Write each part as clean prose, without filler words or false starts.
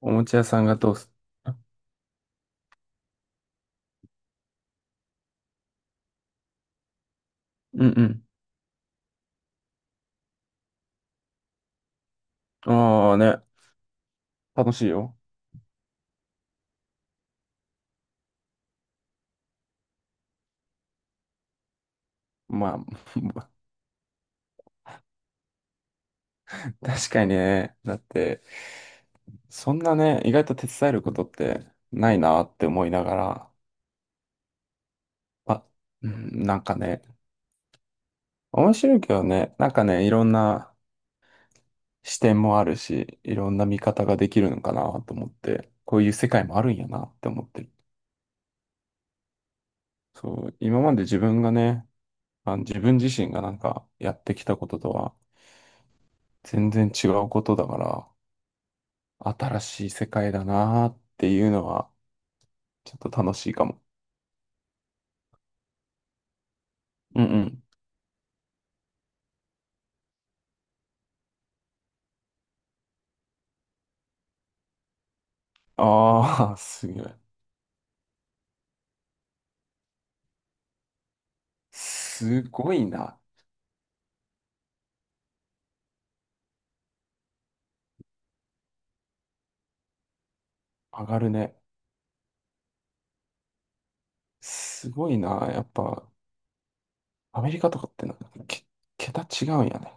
おもちゃ屋さんが通す。うんうん。ああね、楽しいよ。まあ、確かにね。だって、そんなね、意外と手伝えることってないなって思いながら、あ、うん、なんかね、面白いけどね、なんかね、いろんな視点もあるし、いろんな見方ができるのかなと思って、こういう世界もあるんやなって思ってる。そう、今まで自分がね、あの自分自身がなんかやってきたこととは全然違うことだから、新しい世界だなーっていうのは、ちょっと楽しいかも。うんうん。ああ、すごい。すごいな。上がるね。すごいな。やっぱ、アメリカとかってなんか、桁違うんやね。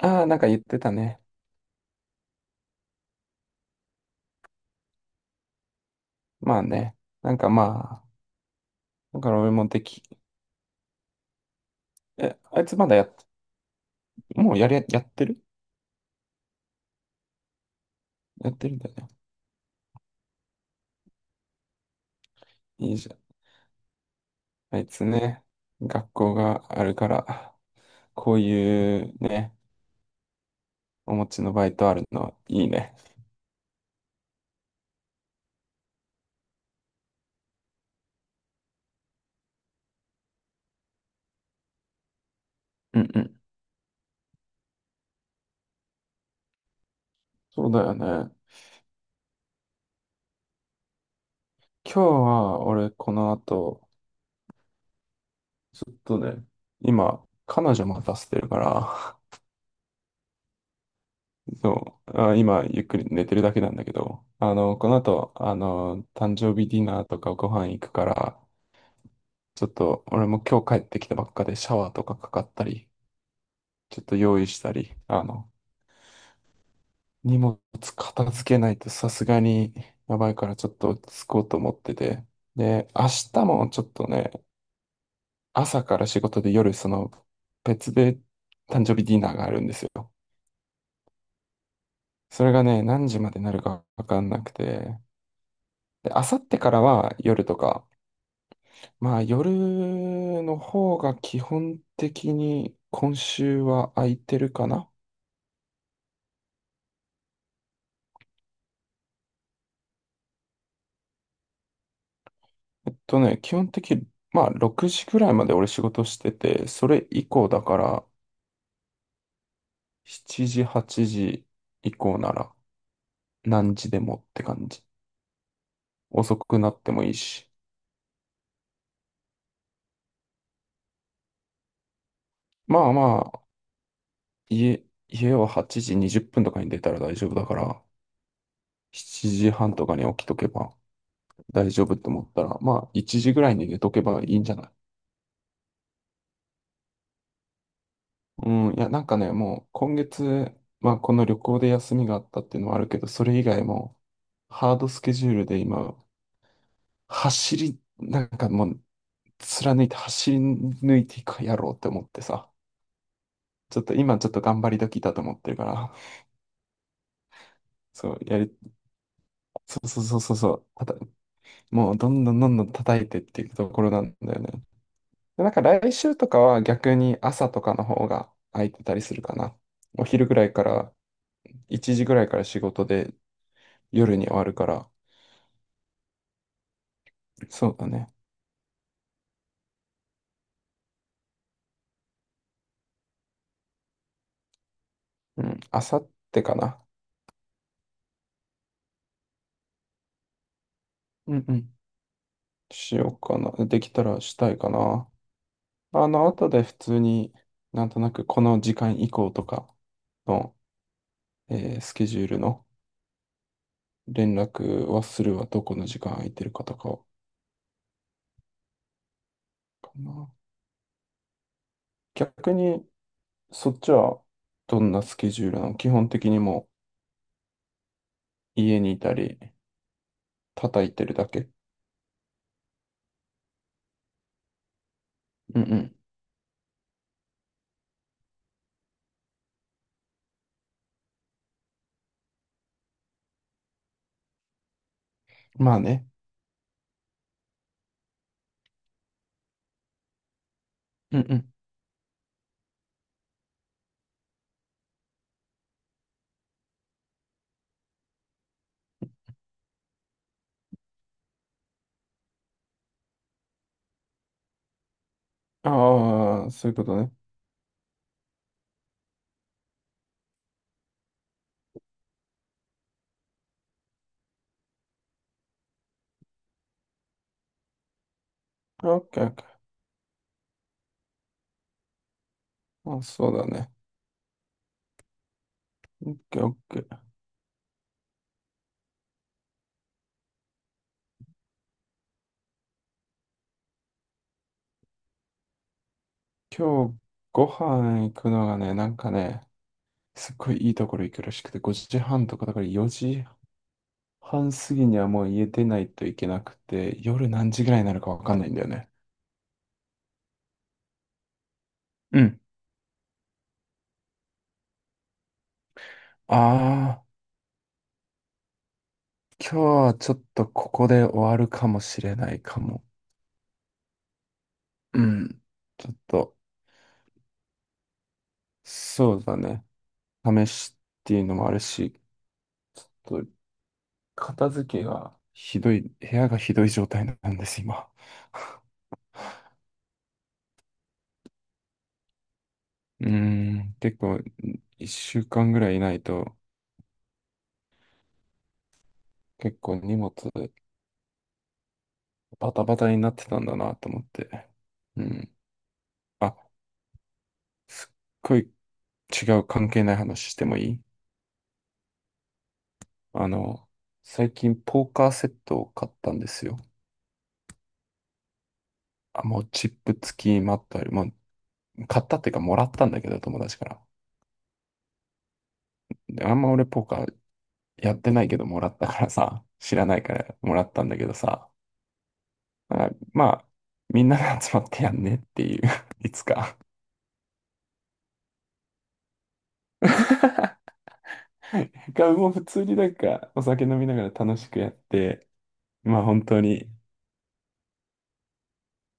ああー、なんか言ってたね。まあね。なんかまあ、だから俺もえ、あいつまだやってるやってるんだよね。いいじゃん。あいつね、学校があるから、こういうね、お持ちのバイトあるのいいね。うんうん。そうだよね。今日は俺この後、ちょっとね、今、彼女待たせてるから、そう、あ、今ゆっくり寝てるだけなんだけど、あの、この後、あの、誕生日ディナーとかご飯行くから、ちょっと俺も今日帰ってきたばっかでシャワーとかかかったり、ちょっと用意したり、あの、荷物片付けないとさすがにやばいからちょっと落ち着こうと思ってて、で、明日もちょっとね、朝から仕事で夜、その別で誕生日ディナーがあるんですよ。それがね、何時までなるかわかんなくて。で、あさってからは夜とか、まあ夜の方が基本的に今週は空いてるかな。基本的に、まあ6時ぐらいまで俺仕事してて、それ以降だから7時、8時以降なら何時でもって感じ。遅くなってもいいし。まあまあ、家は8時20分とかに出たら大丈夫だから、7時半とかに起きとけば大丈夫って思ったら、まあ1時ぐらいに寝とけばいいんじゃない？うん、いや、なんかね、もう今月、まあこの旅行で休みがあったっていうのはあるけど、それ以外もハードスケジュールで今、なんかもう貫いて走り抜いていくかやろうって思ってさ、ちょっと今ちょっと頑張り時だと思ってるから、そう、そうそうそうそうそう。もうどんどんどんどん叩いてっていくところなんだよね。で、なんか来週とかは逆に朝とかの方が空いてたりするかな。お昼ぐらいから、1時ぐらいから仕事で夜に終わるから、そうだね。うん、あさってかな。うんうん。しようかな。できたらしたいかな。あの、後で普通になんとなくこの時間以降とかの、スケジュールの連絡はするわ。どこの時間空いてるかとかを。かな、逆に、そっちはどんなスケジュールなの？基本的にもう家にいたり、叩いてるだけ。うんうん。まあね。うんうん。ああ、そういうことね。オッケーオッケー。まあ、そうだね。オッケーオッケー。今日ご飯行くのがね、なんかね、すっごいいいところ行くらしくて、5時半とかだから4時半過ぎにはもう家出ないといけなくて、夜何時ぐらいになるかわかんないんだよね。うん。ああ、今日はちょっとここで終わるかもしれないかも。うん。ちょっと、そうだね。試しっていうのもあるし、ちょっと片付けがひどい、部屋がひどい状態なんです、今。うーん、結構、1週間ぐらいいないと、結構荷物バタバタになってたんだなと思って。うん。あ、すっごい違う関係ない話してもいい？あの、最近ポーカーセットを買ったんですよ。あ、もうチップ付きマットある。もう買ったっていうかもらったんだけど、友達から。で、あんま俺ポーカーやってないけどもらったからさ、知らないからもらったんだけどさ、あまあ、みんなで集まってやんねっていう。 いつか。 が、もう普通になんかお酒飲みながら楽しくやって、まあ本当に、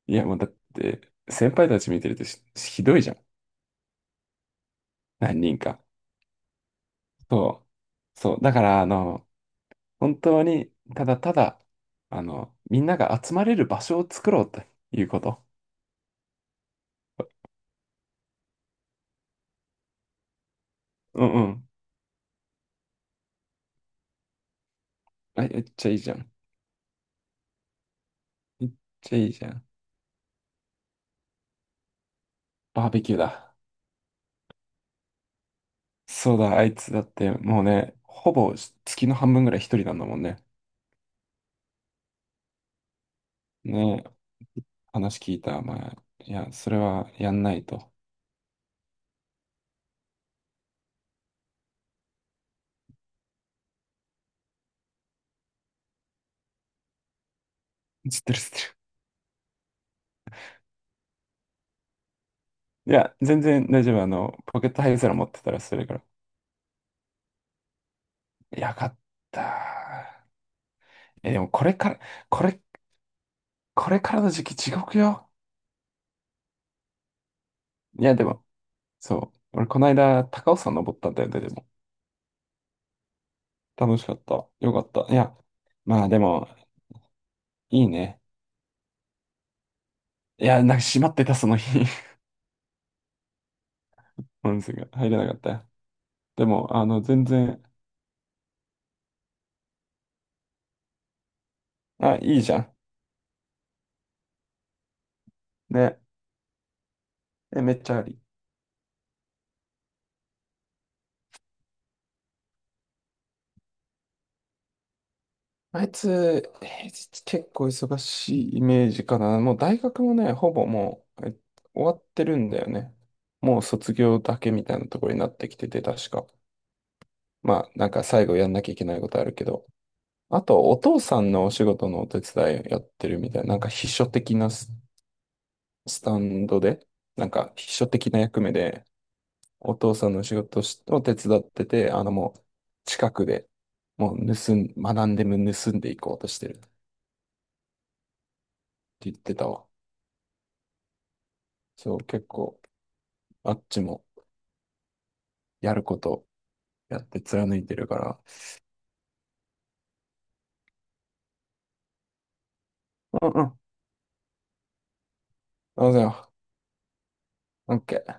いやもうだって、先輩たち見てるとしひどいじゃん。何人か。そう。そう。だから、あの、本当に、ただただ、あの、みんなが集まれる場所を作ろうということ。うんうん。あ、めっちゃいいじゃん。めっちゃいいじゃん。バーベキューだ。そうだ、あいつだってもうね、ほぼ月の半分ぐらい一人なんだもんね。ねえ、話聞いた。まあ、いや、それはやんないと。知ってる知ってる。いや、全然大丈夫。あの、ポケットハイゼロ持ってたらそれから。やよかった。え、でもこれから、これ、これからの時期地獄よ。いや、でも、そう。俺この間、高尾山登ったんだよね、でも。楽しかった。よかった。いや、まあでも、いいね。いや、なんか閉まってた、その日。本数が入れなかったよ。でも、あの、全然、あ、いいじゃん。ね。え、めっちゃあり。あいつ、平日結構忙しいイメージかな。もう大学もね、ほぼもう、終わってるんだよね。もう卒業だけみたいなところになってきてて、確か。まあ、なんか最後やんなきゃいけないことあるけど。あと、お父さんのお仕事のお手伝いやってるみたいな、なんか秘書的なスタンドで、なんか秘書的な役目で、お父さんの仕事を手伝ってて、あのもう近くでもう学んでも盗んでいこうとしてるって言ってたわ。そう、結構あっちもやることやって貫いてるから。うんうん。あ、じゃあ、OK。